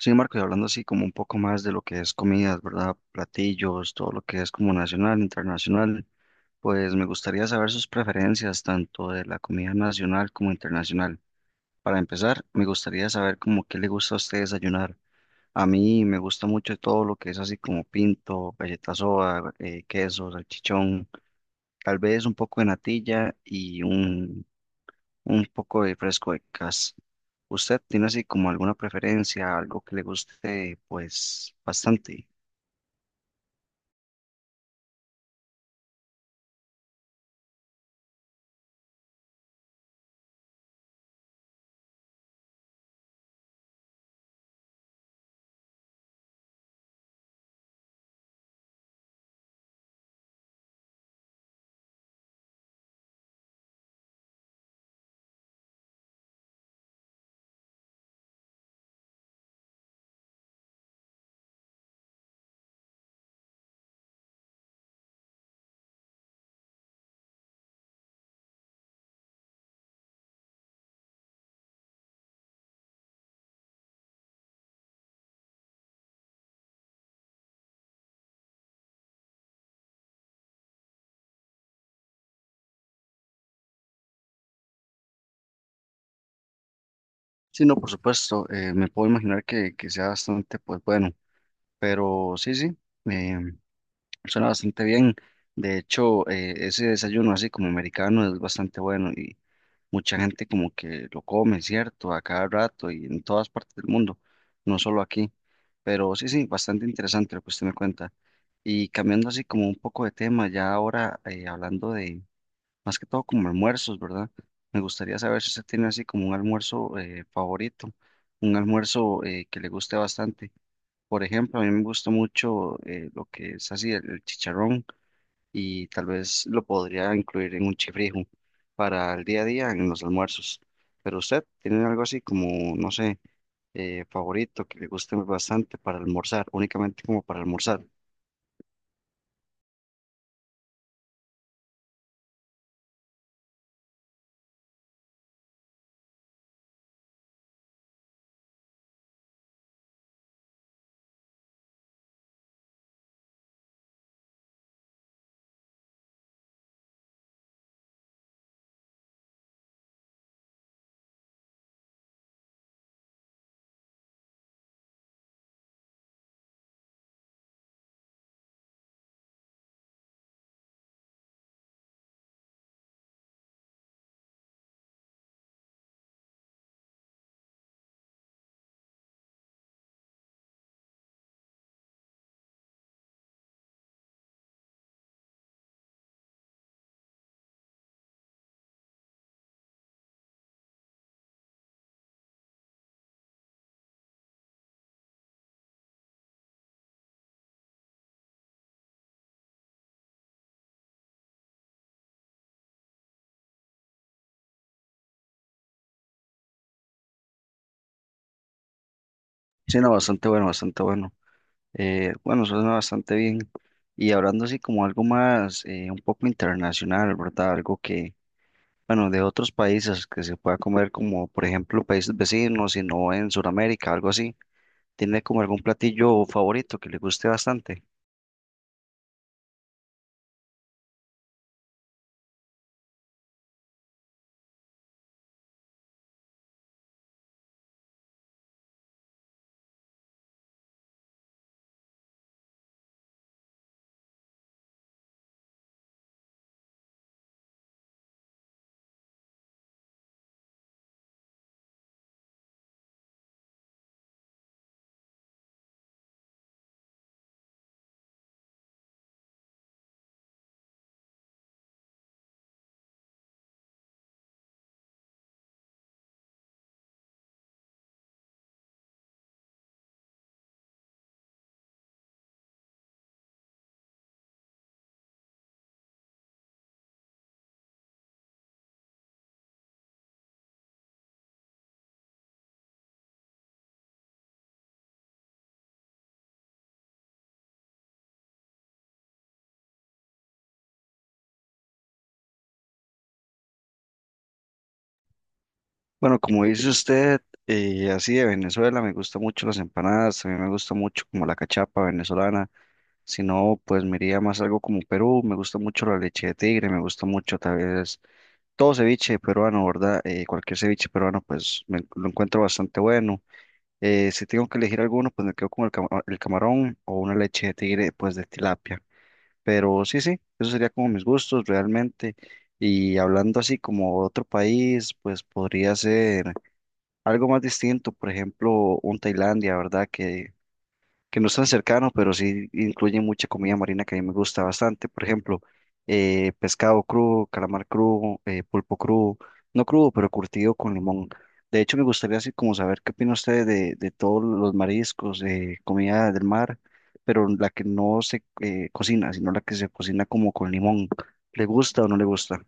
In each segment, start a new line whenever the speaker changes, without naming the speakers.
Sí, Marco, y hablando así como un poco más de lo que es comidas, ¿verdad? Platillos, todo lo que es como nacional, internacional, pues me gustaría saber sus preferencias tanto de la comida nacional como internacional. Para empezar, me gustaría saber como qué le gusta a usted desayunar. A mí me gusta mucho todo lo que es así como pinto, galletas soda, queso, salchichón, tal vez un poco de natilla y un poco de fresco de cas. ¿Usted tiene así como alguna preferencia, algo que le guste, pues bastante? Sí, no, por supuesto, me puedo imaginar que sea bastante, pues bueno, pero sí, sí, eh, suena bastante bien. De hecho, ese desayuno así como americano es bastante bueno y mucha gente como que lo come, ¿cierto? A cada rato y en todas partes del mundo, no solo aquí. Pero sí, sí, bastante interesante lo que usted me cuenta. Y cambiando así como un poco de tema, ya ahora hablando de más que todo como almuerzos, ¿verdad? Me gustaría saber si usted tiene así como un almuerzo favorito, un almuerzo que le guste bastante. Por ejemplo, a mí me gusta mucho lo que es así el chicharrón y tal vez lo podría incluir en un chifrijo para el día a día en los almuerzos. Pero usted tiene algo así como, no sé, favorito que le guste bastante para almorzar, únicamente como para almorzar. Sí, no, bastante bueno, bastante bueno. Bueno, suena bastante bien. Y hablando así como algo más, un poco internacional, ¿verdad? Algo que, bueno, de otros países que se pueda comer como, por ejemplo, países vecinos, sino en Sudamérica, algo así. ¿Tiene como algún platillo favorito que le guste bastante? Bueno, como dice usted, así de Venezuela, me gustan mucho las empanadas, también me gusta mucho como la cachapa venezolana. Si no, pues me iría más algo como Perú, me gusta mucho la leche de tigre, me gusta mucho tal vez todo ceviche peruano, ¿verdad? Cualquier ceviche peruano, pues me- lo encuentro bastante bueno. Si tengo que elegir alguno, pues me quedo con el, cama- el camarón o una leche de tigre, pues de tilapia. Pero sí, sí, eso sería como mis gustos realmente. Y hablando así como otro país, pues podría ser algo más distinto, por ejemplo, un Tailandia, ¿verdad? Que no es tan cercano, pero sí incluye mucha comida marina que a mí me gusta bastante. Por ejemplo, pescado crudo, calamar crudo, pulpo crudo, no crudo, pero curtido con limón. De hecho, me gustaría así como saber qué opina usted de todos los mariscos, comida del mar, pero la que no se cocina, sino la que se cocina como con limón. ¿Le gusta o no le gusta?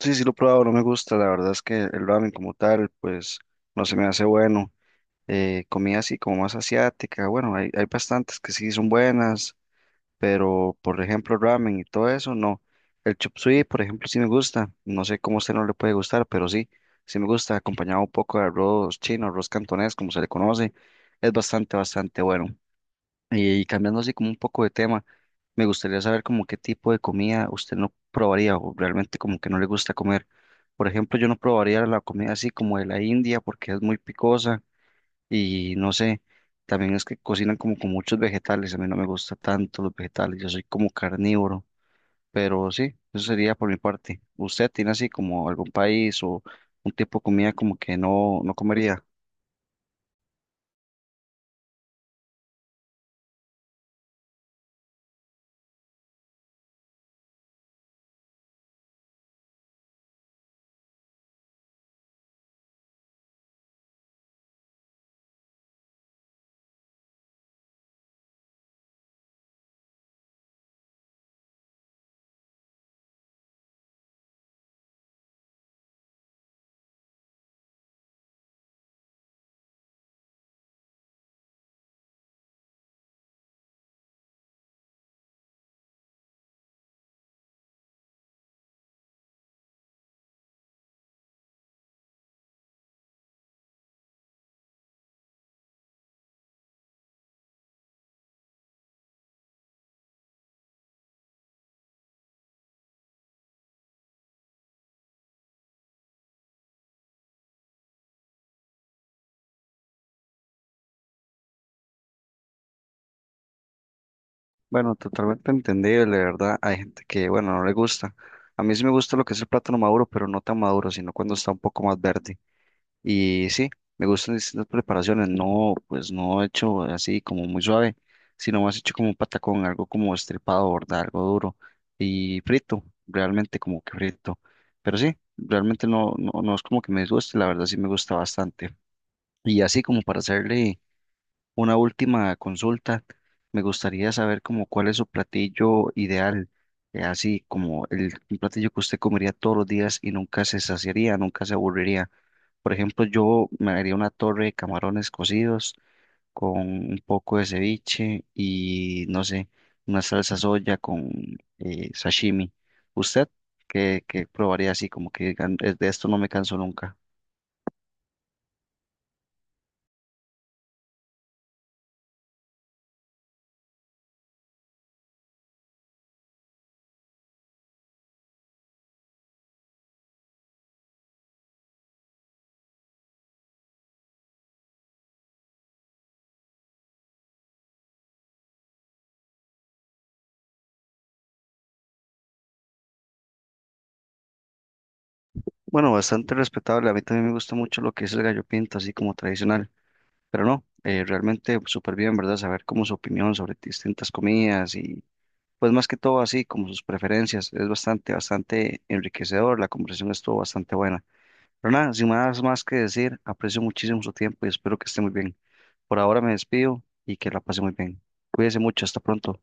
Sí, sí lo he probado, no me gusta. La verdad es que el ramen como tal, pues no se me hace bueno. Eh, comida así como más asiática. Bueno, hay bastantes que sí son buenas, pero por ejemplo ramen y todo eso, no. El chop suey, por ejemplo, sí me gusta. No sé cómo a usted no le puede gustar, pero sí, sí me gusta, acompañado un poco de arroz chino, arroz cantonés, como se le conoce. Es bastante, bastante bueno. Y, cambiando así como un poco de tema, me gustaría saber como qué tipo de comida usted no probaría o realmente como que no le gusta comer. Por ejemplo, yo no probaría la comida así como de la India porque es muy picosa y no sé, también es que cocinan como con muchos vegetales. A mí no me gusta tanto los vegetales. Yo soy como carnívoro. Pero sí, eso sería por mi parte. ¿Usted tiene así como algún país o un tipo de comida como que no comería? Bueno, totalmente entendible, ¿verdad? Hay gente que, bueno, no le gusta. A mí sí me gusta lo que es el plátano maduro, pero no tan maduro, sino cuando está un poco más verde. Y sí, me gustan distintas preparaciones. No, pues no hecho así como muy suave, sino más hecho como un patacón, algo como estripado, ¿verdad? Algo duro y frito, realmente como que frito. Pero sí, realmente no es como que me disguste, la verdad sí me gusta bastante. Y así como para hacerle una última consulta. Me gustaría saber como cuál es su platillo ideal, así como el un platillo que usted comería todos los días y nunca se saciaría, nunca se aburriría. Por ejemplo, yo me haría una torre de camarones cocidos con un poco de ceviche y no sé, una salsa soya con sashimi. ¿Usted qué probaría así como que digan, "Es de esto no me canso nunca? Bueno, bastante respetable. A mí también me gusta mucho lo que es el gallo pinto, así como tradicional. Pero no, realmente súper bien, ¿verdad? Saber cómo su opinión sobre distintas comidas y pues más que todo así, como sus preferencias. Es bastante, bastante enriquecedor, la conversación estuvo bastante buena. Pero nada, sin más, más que decir, aprecio muchísimo su tiempo y espero que esté muy bien. Por ahora me despido y que la pase muy bien. Cuídese mucho, hasta pronto.